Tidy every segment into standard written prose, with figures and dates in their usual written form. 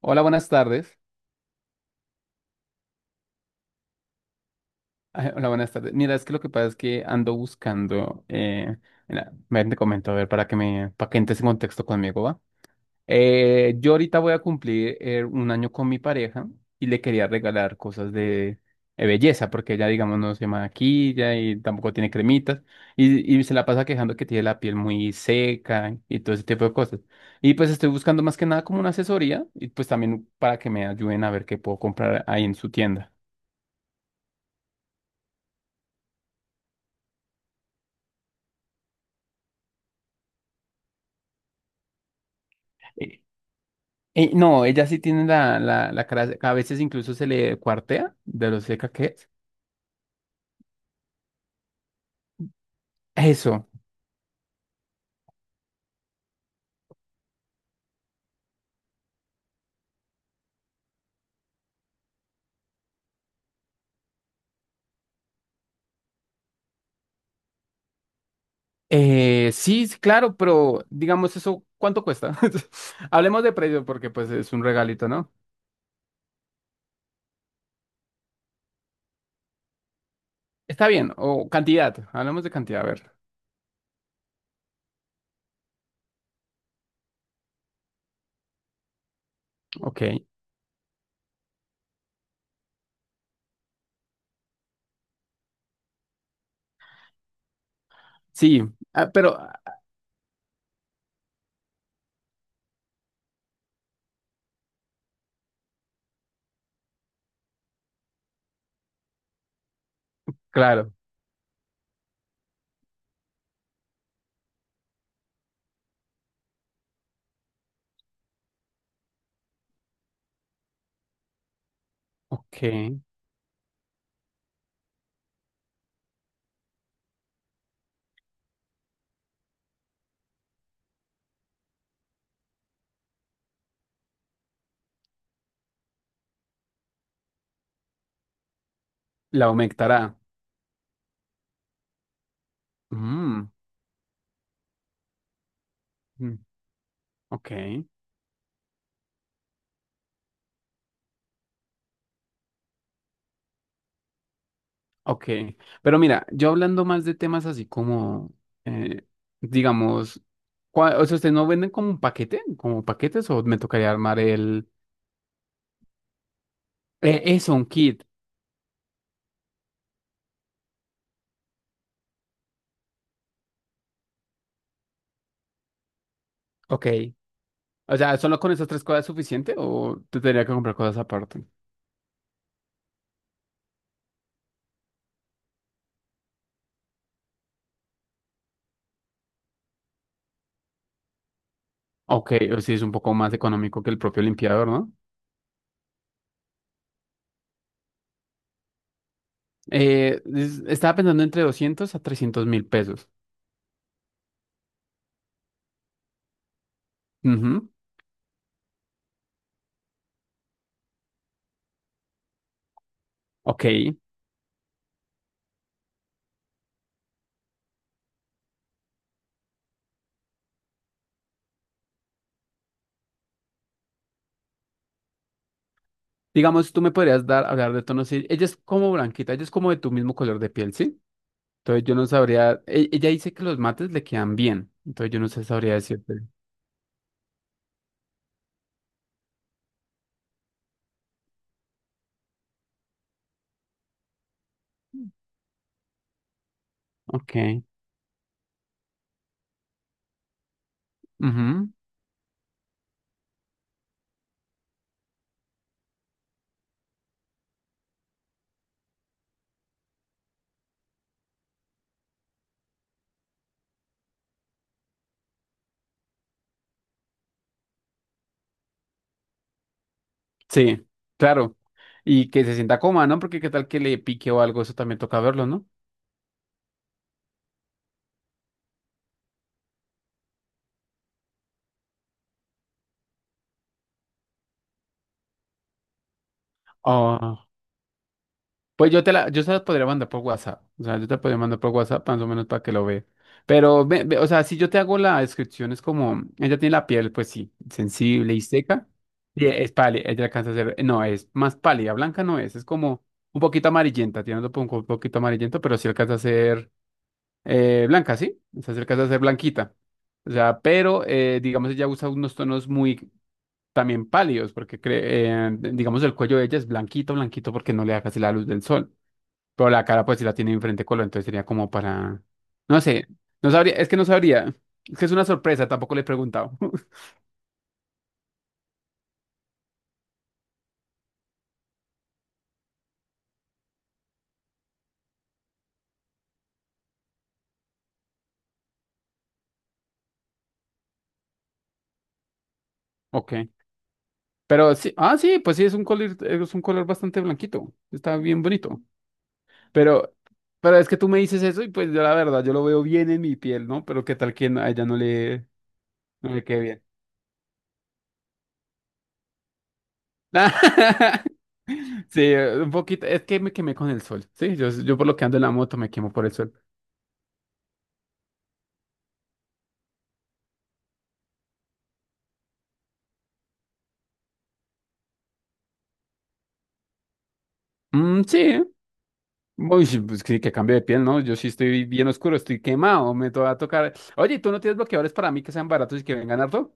Hola, buenas tardes. Ah, hola, buenas tardes. Mira, es que lo que pasa es que ando buscando, mira, ven, te comento, a ver, para que entres en contexto conmigo, ¿va? Yo ahorita voy a cumplir un año con mi pareja y le quería regalar cosas de belleza, porque ella, digamos, no se maquilla y tampoco tiene cremitas y se la pasa quejando que tiene la piel muy seca y todo ese tipo de cosas. Y pues estoy buscando más que nada como una asesoría y pues también para que me ayuden a ver qué puedo comprar ahí en su tienda. No, ella sí tiene la cara, a veces incluso se le cuartea de lo seca que es. Eso. Sí, sí, claro, pero digamos eso, ¿cuánto cuesta? Hablemos de precio porque pues es un regalito, ¿no? Está bien, o cantidad, hablemos de cantidad, a ver. Ok, sí, ah, pero ah, claro, ok, la aumentará. Mm, mm, ok. Ok, pero mira, yo hablando más de temas así como, eh, digamos, o sea, ¿ustedes no venden como un paquete? ¿Como paquetes o me tocaría armar el...? Eso, un kit. Ok. O sea, ¿solo con esas tres cosas es suficiente o te tendría que comprar cosas aparte? Ok, o si es un poco más económico que el propio limpiador, ¿no? Estaba pensando entre 200.000 a 300.000 pesos. Ujú. Ok, digamos, tú me podrías hablar de tonos. Sí, ella es como blanquita, ella es como de tu mismo color de piel, ¿sí? Entonces yo no sabría, ella dice que los mates le quedan bien, entonces yo no sé, sabría decirte. Ok. Ujú. Sí, claro. Y que se sienta coma, ¿no? Porque qué tal que le pique o algo, eso también toca verlo, ¿no? Oh. Pues yo te la, yo se la podría mandar por WhatsApp. O sea, yo te la podría mandar por WhatsApp más o menos para que lo veas. Pero, ve, o sea, si yo te hago la descripción, es como, ella tiene la piel, pues sí, sensible y seca. Y es pálida, ella alcanza a ser, no, es más pálida, blanca no es, es como un poquito amarillenta, tiene un poquito amarillento, pero sí alcanza a ser blanca, ¿sí? O sea, sí alcanza a ser blanquita. O sea, pero, digamos, ella usa unos tonos muy también pálidos, porque, digamos, el cuello de ella es blanquito, blanquito, porque no le da casi la luz del sol. Pero la cara pues sí la tiene de diferente color, entonces sería como para... No sé, no sabría, es que no sabría. Es que es una sorpresa, tampoco le he preguntado. Ok. Pero sí, ah, sí, pues sí, es un color bastante blanquito. Está bien bonito. Pero, pero es que tú me dices eso y pues yo la verdad, yo lo veo bien en mi piel, ¿no? Pero qué tal que no, a ella no le quede bien. Sí, un poquito, es que me quemé con el sol. Sí, yo por lo que ando en la moto me quemo por el sol. Mm, sí. Uy, sí, pues sí, que cambio de piel, ¿no? Yo sí estoy bien oscuro, estoy quemado, va a tocar. Oye, ¿tú no tienes bloqueadores para mí que sean baratos y que vengan harto?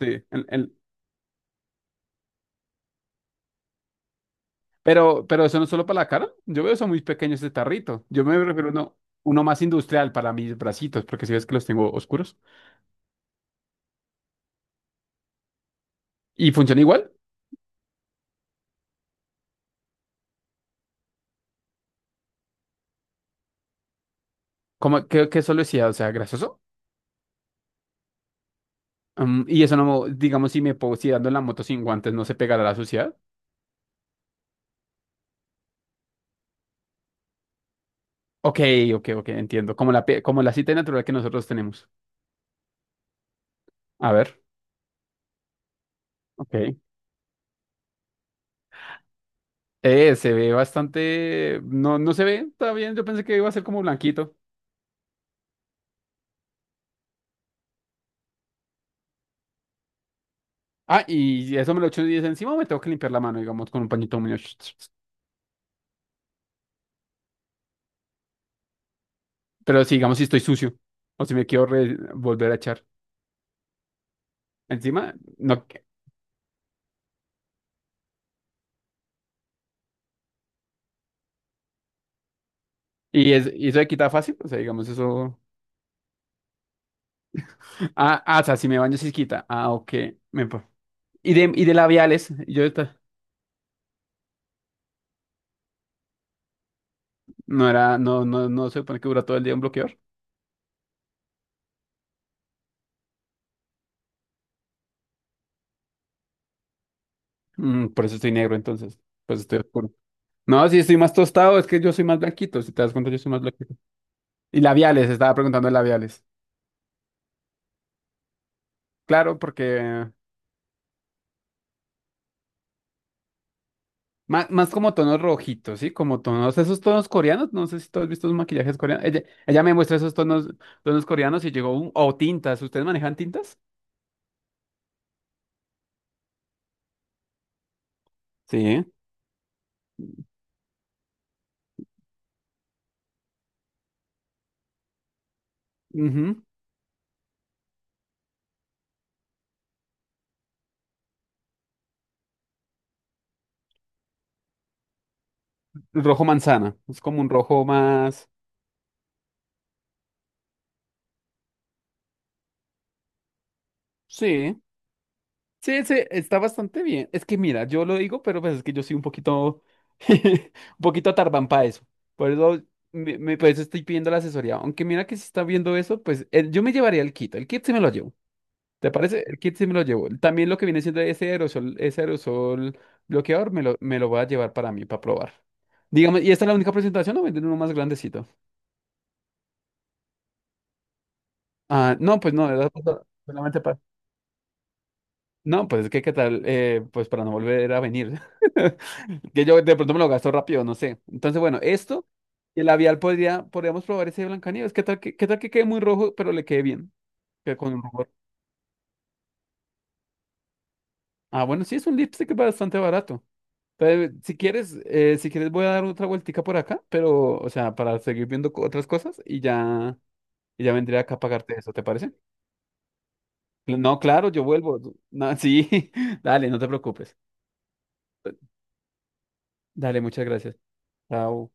Sí, pero, eso no es solo para la cara. Yo veo eso muy pequeño, este tarrito. Yo me refiero a uno más industrial para mis bracitos, porque si ves que los tengo oscuros. ¿Y funciona igual? ¿Como qué solo decía, o sea, grasoso? Mm, y eso no, digamos, si dando en la moto sin guantes, ¿no se pegará a la suciedad? Ok, ok, ok, entiendo. Como la cita natural que nosotros tenemos. A ver, ok. Se ve bastante. No, no se ve, está bien. Yo pensé que iba a ser como blanquito. Ah, y eso me lo echo y dice encima, o me tengo que limpiar la mano, digamos, con un pañito muy. Pero si, digamos, si estoy sucio o si me quiero volver a echar encima, no. Y eso se quita fácil, o sea, digamos, eso. Ah, ah, o sea, si me baño, sí se quita. Ah, ok. Me... pa- Y de, labiales, no, no, no se supone que dura todo el día un bloqueador. Mm, por eso estoy negro, entonces, pues estoy oscuro. No, si estoy más tostado, es que yo soy más blanquito. Si te das cuenta, yo soy más blanquito. Y labiales, estaba preguntando de labiales. Claro, porque más como tonos rojitos, ¿sí? Como tonos, esos tonos coreanos, no sé si tú has visto los maquillajes coreanos. Ella me muestra esos tonos coreanos y llegó, o tintas, ¿ustedes manejan tintas? Sí. Ujú. Rojo manzana, es como un rojo más, sí, sí, está bastante bien. Es que mira, yo lo digo, pero pues es que yo soy un poquito, un poquito tardán para eso. Por eso, por eso estoy pidiendo la asesoría. Aunque mira que si está viendo eso, pues yo me llevaría el kit. El kit sí me lo llevo. ¿Te parece? El kit sí me lo llevo. También lo que viene siendo ese aerosol bloqueador, me lo voy a llevar para mí, para probar. Digamos, ¿y esta es la única presentación o venden uno más grandecito? Ah, no, pues no, era solamente para... No, pues es que qué tal, pues para no volver a venir. Que yo de pronto me lo gasto rápido, no sé. Entonces, bueno, esto y el labial podríamos probar ese de Blancanieves. ¿Qué tal que quede muy rojo, pero le quede bien? Que con un rubor. Ah, bueno, sí, es un lipstick bastante barato. Pero, si quieres voy a dar otra vueltica por acá, pero, o sea, para seguir viendo otras cosas y ya, vendría acá a pagarte eso, ¿te parece? No, claro, yo vuelvo. No, sí, dale, no te preocupes. Dale, muchas gracias. Chao.